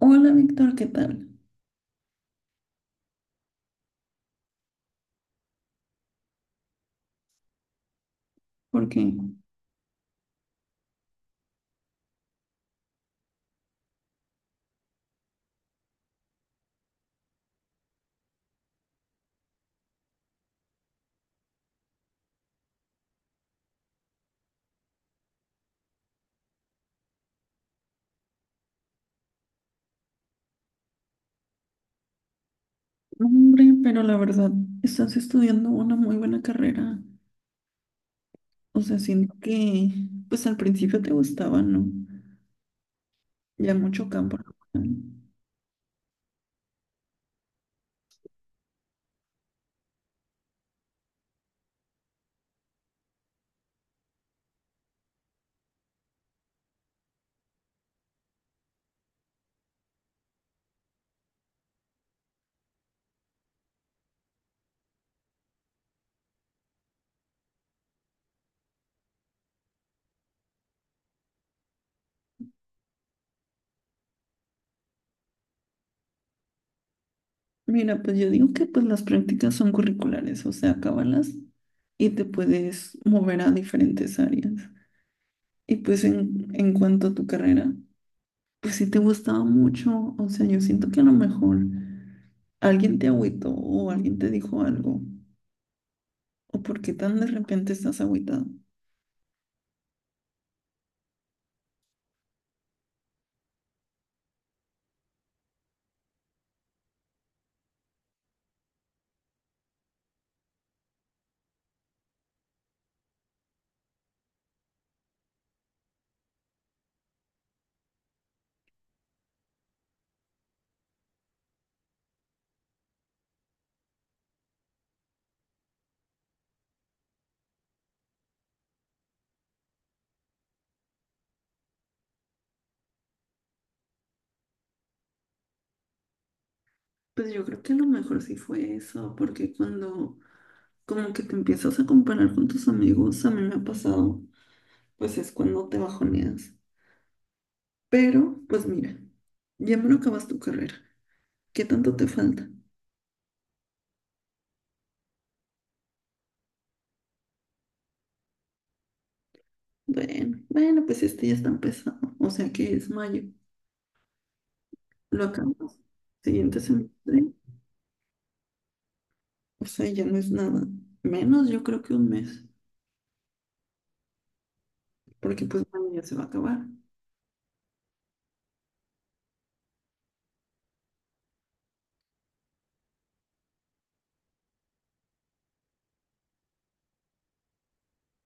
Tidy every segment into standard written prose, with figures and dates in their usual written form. Hola Víctor, ¿qué tal? Porque, hombre, pero la verdad, estás estudiando una muy buena carrera. O sea, siento que, pues al principio te gustaba, ¿no? Ya mucho campo laboral. Mira, pues yo digo que pues las prácticas son curriculares, o sea, acábalas y te puedes mover a diferentes áreas. Y pues en cuanto a tu carrera, pues sí te gustaba mucho, o sea, yo siento que a lo mejor alguien te agüitó o alguien te dijo algo. ¿O por qué tan de repente estás agüitado? Pues yo creo que a lo mejor sí fue eso, porque cuando como que te empiezas a comparar con tus amigos, a mí me ha pasado, pues es cuando te bajoneas. Pero, pues mira, ya me lo acabas tu carrera. ¿Qué tanto te falta? Bueno, bueno, pues este ya está empezado. O sea que es mayo. Lo acabas. Siguiente semestre. O sea, ya no es nada. Menos, yo creo que un mes, porque pues mayo ya se va a acabar.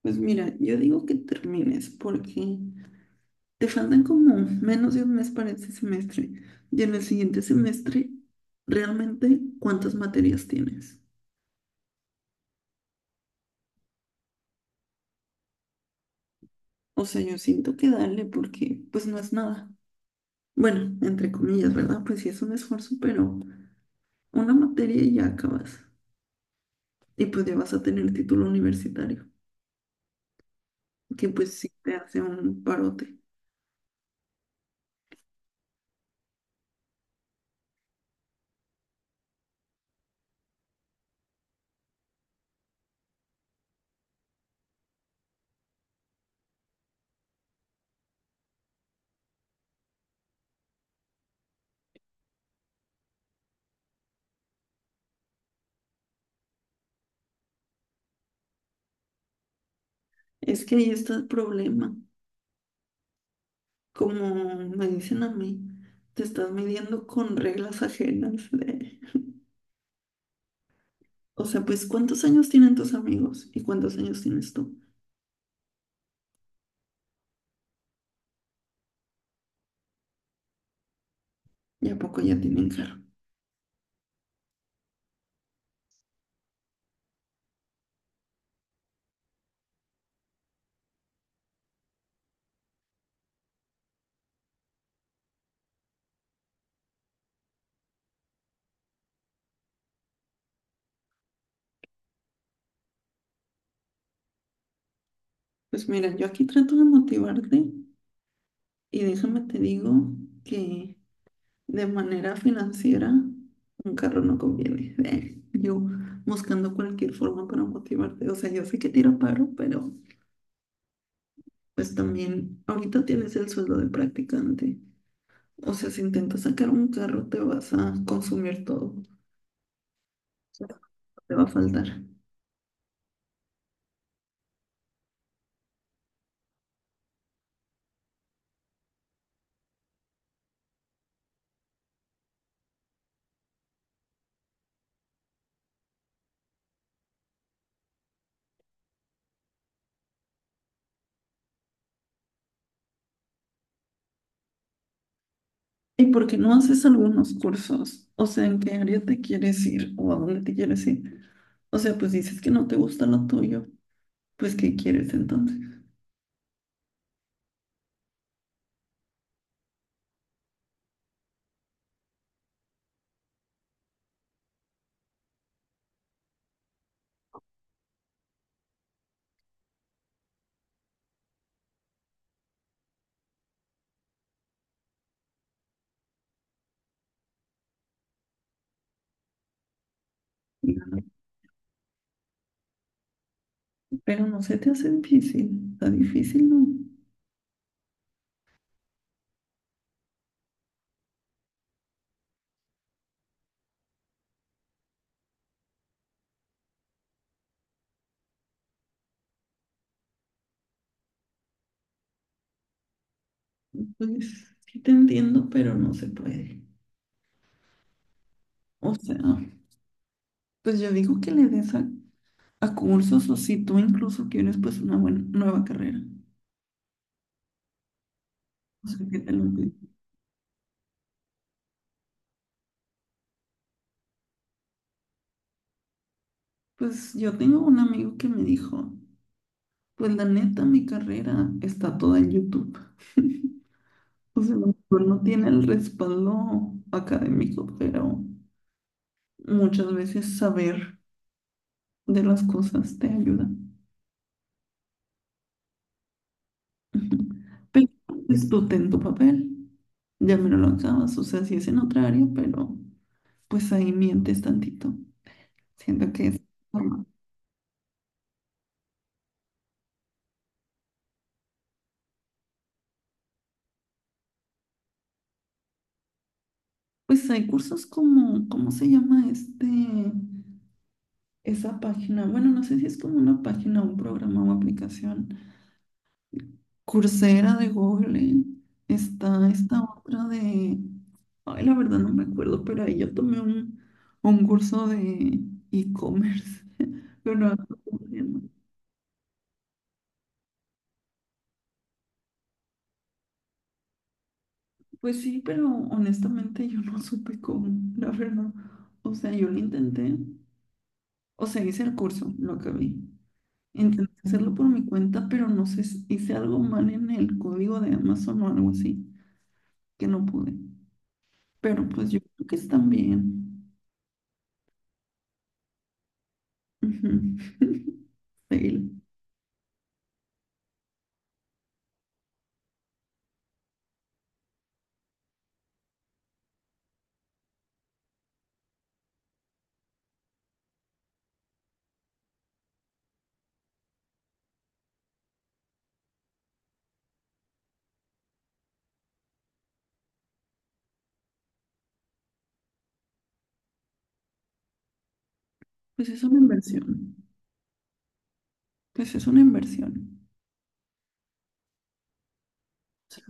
Pues mira, yo digo que termines porque... Te faltan como menos de un mes para este semestre. Y en el siguiente semestre, ¿realmente cuántas materias tienes? O sea, yo siento que darle porque pues no es nada. Bueno, entre comillas, ¿verdad? Pues sí es un esfuerzo, pero una materia y ya acabas. Y pues ya vas a tener título universitario, que pues sí te hace un parote. Es que ahí está el problema. Como me dicen a mí, te estás midiendo con reglas ajenas. O sea, pues, ¿cuántos años tienen tus amigos y cuántos años tienes tú? ¿Y a poco ya tienen carro? Pues mira, yo aquí trato de motivarte y déjame te digo que de manera financiera un carro no conviene. Yo buscando cualquier forma para motivarte. O sea, yo sé que tira paro, pero pues también ahorita tienes el sueldo de practicante. O sea, si intentas sacar un carro te vas a consumir todo. Te va a faltar. ¿Y por qué no haces algunos cursos? O sea, ¿en qué área te quieres ir o a dónde te quieres ir? O sea, pues dices que no te gusta lo tuyo, pues ¿qué quieres entonces? Y pero no se te hace difícil, está difícil, ¿no? Pues sí te entiendo, pero no se puede. O sea, pues yo digo que le des a cursos o si tú incluso quieres pues una buena, nueva carrera. O sea, que te lo piden. Pues yo tengo un amigo que me dijo, pues la neta mi carrera está toda en YouTube. O sea, a lo mejor no tiene el respaldo académico, pero muchas veces saber de las cosas te ayuda. Ujú. Pero pues, tú ten tu papel, ya me lo acabas, o sea, si es en otra área, pero pues ahí mientes tantito. Siento que es... normal. Pues hay cursos como, ¿cómo se llama este, esa página? Bueno, no sé si es como una página, un programa o aplicación. Coursera de Google, ¿eh? Está esta otra de, ay, la verdad no me acuerdo, pero ahí yo tomé un curso de e-commerce, pero no sé cómo se llama. Pues sí, pero honestamente yo no supe cómo, la verdad, o sea, yo lo intenté, o sea, hice el curso, lo acabé, intenté hacerlo por mi cuenta, pero no sé, si hice algo mal en el código de Amazon o algo así, que no pude, pero pues yo creo que están bien. Ujú. Sí, pues es una inversión, pues es una inversión. O sea,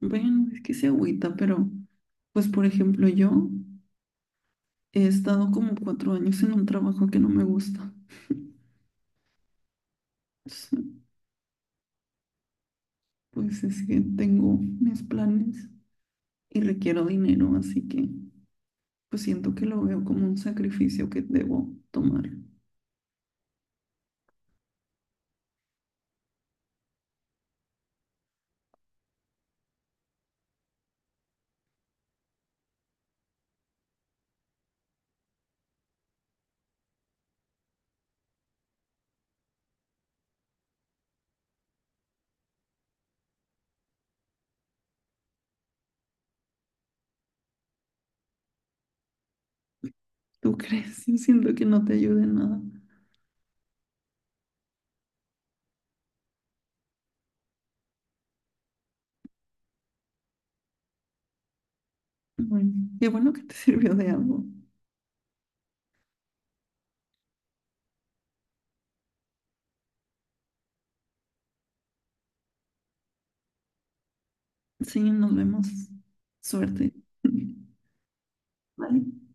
bueno, es que se agüita, pero pues por ejemplo yo he estado como 4 años en un trabajo que no me gusta. Entonces, pues es que tengo mis planes y requiero dinero, así que pues siento que lo veo como un sacrificio que debo tomar. ¿Tú crees? Yo siento que no te ayude en nada. Bueno, qué bueno que te sirvió de algo. Sí, nos vemos. Suerte. Bye.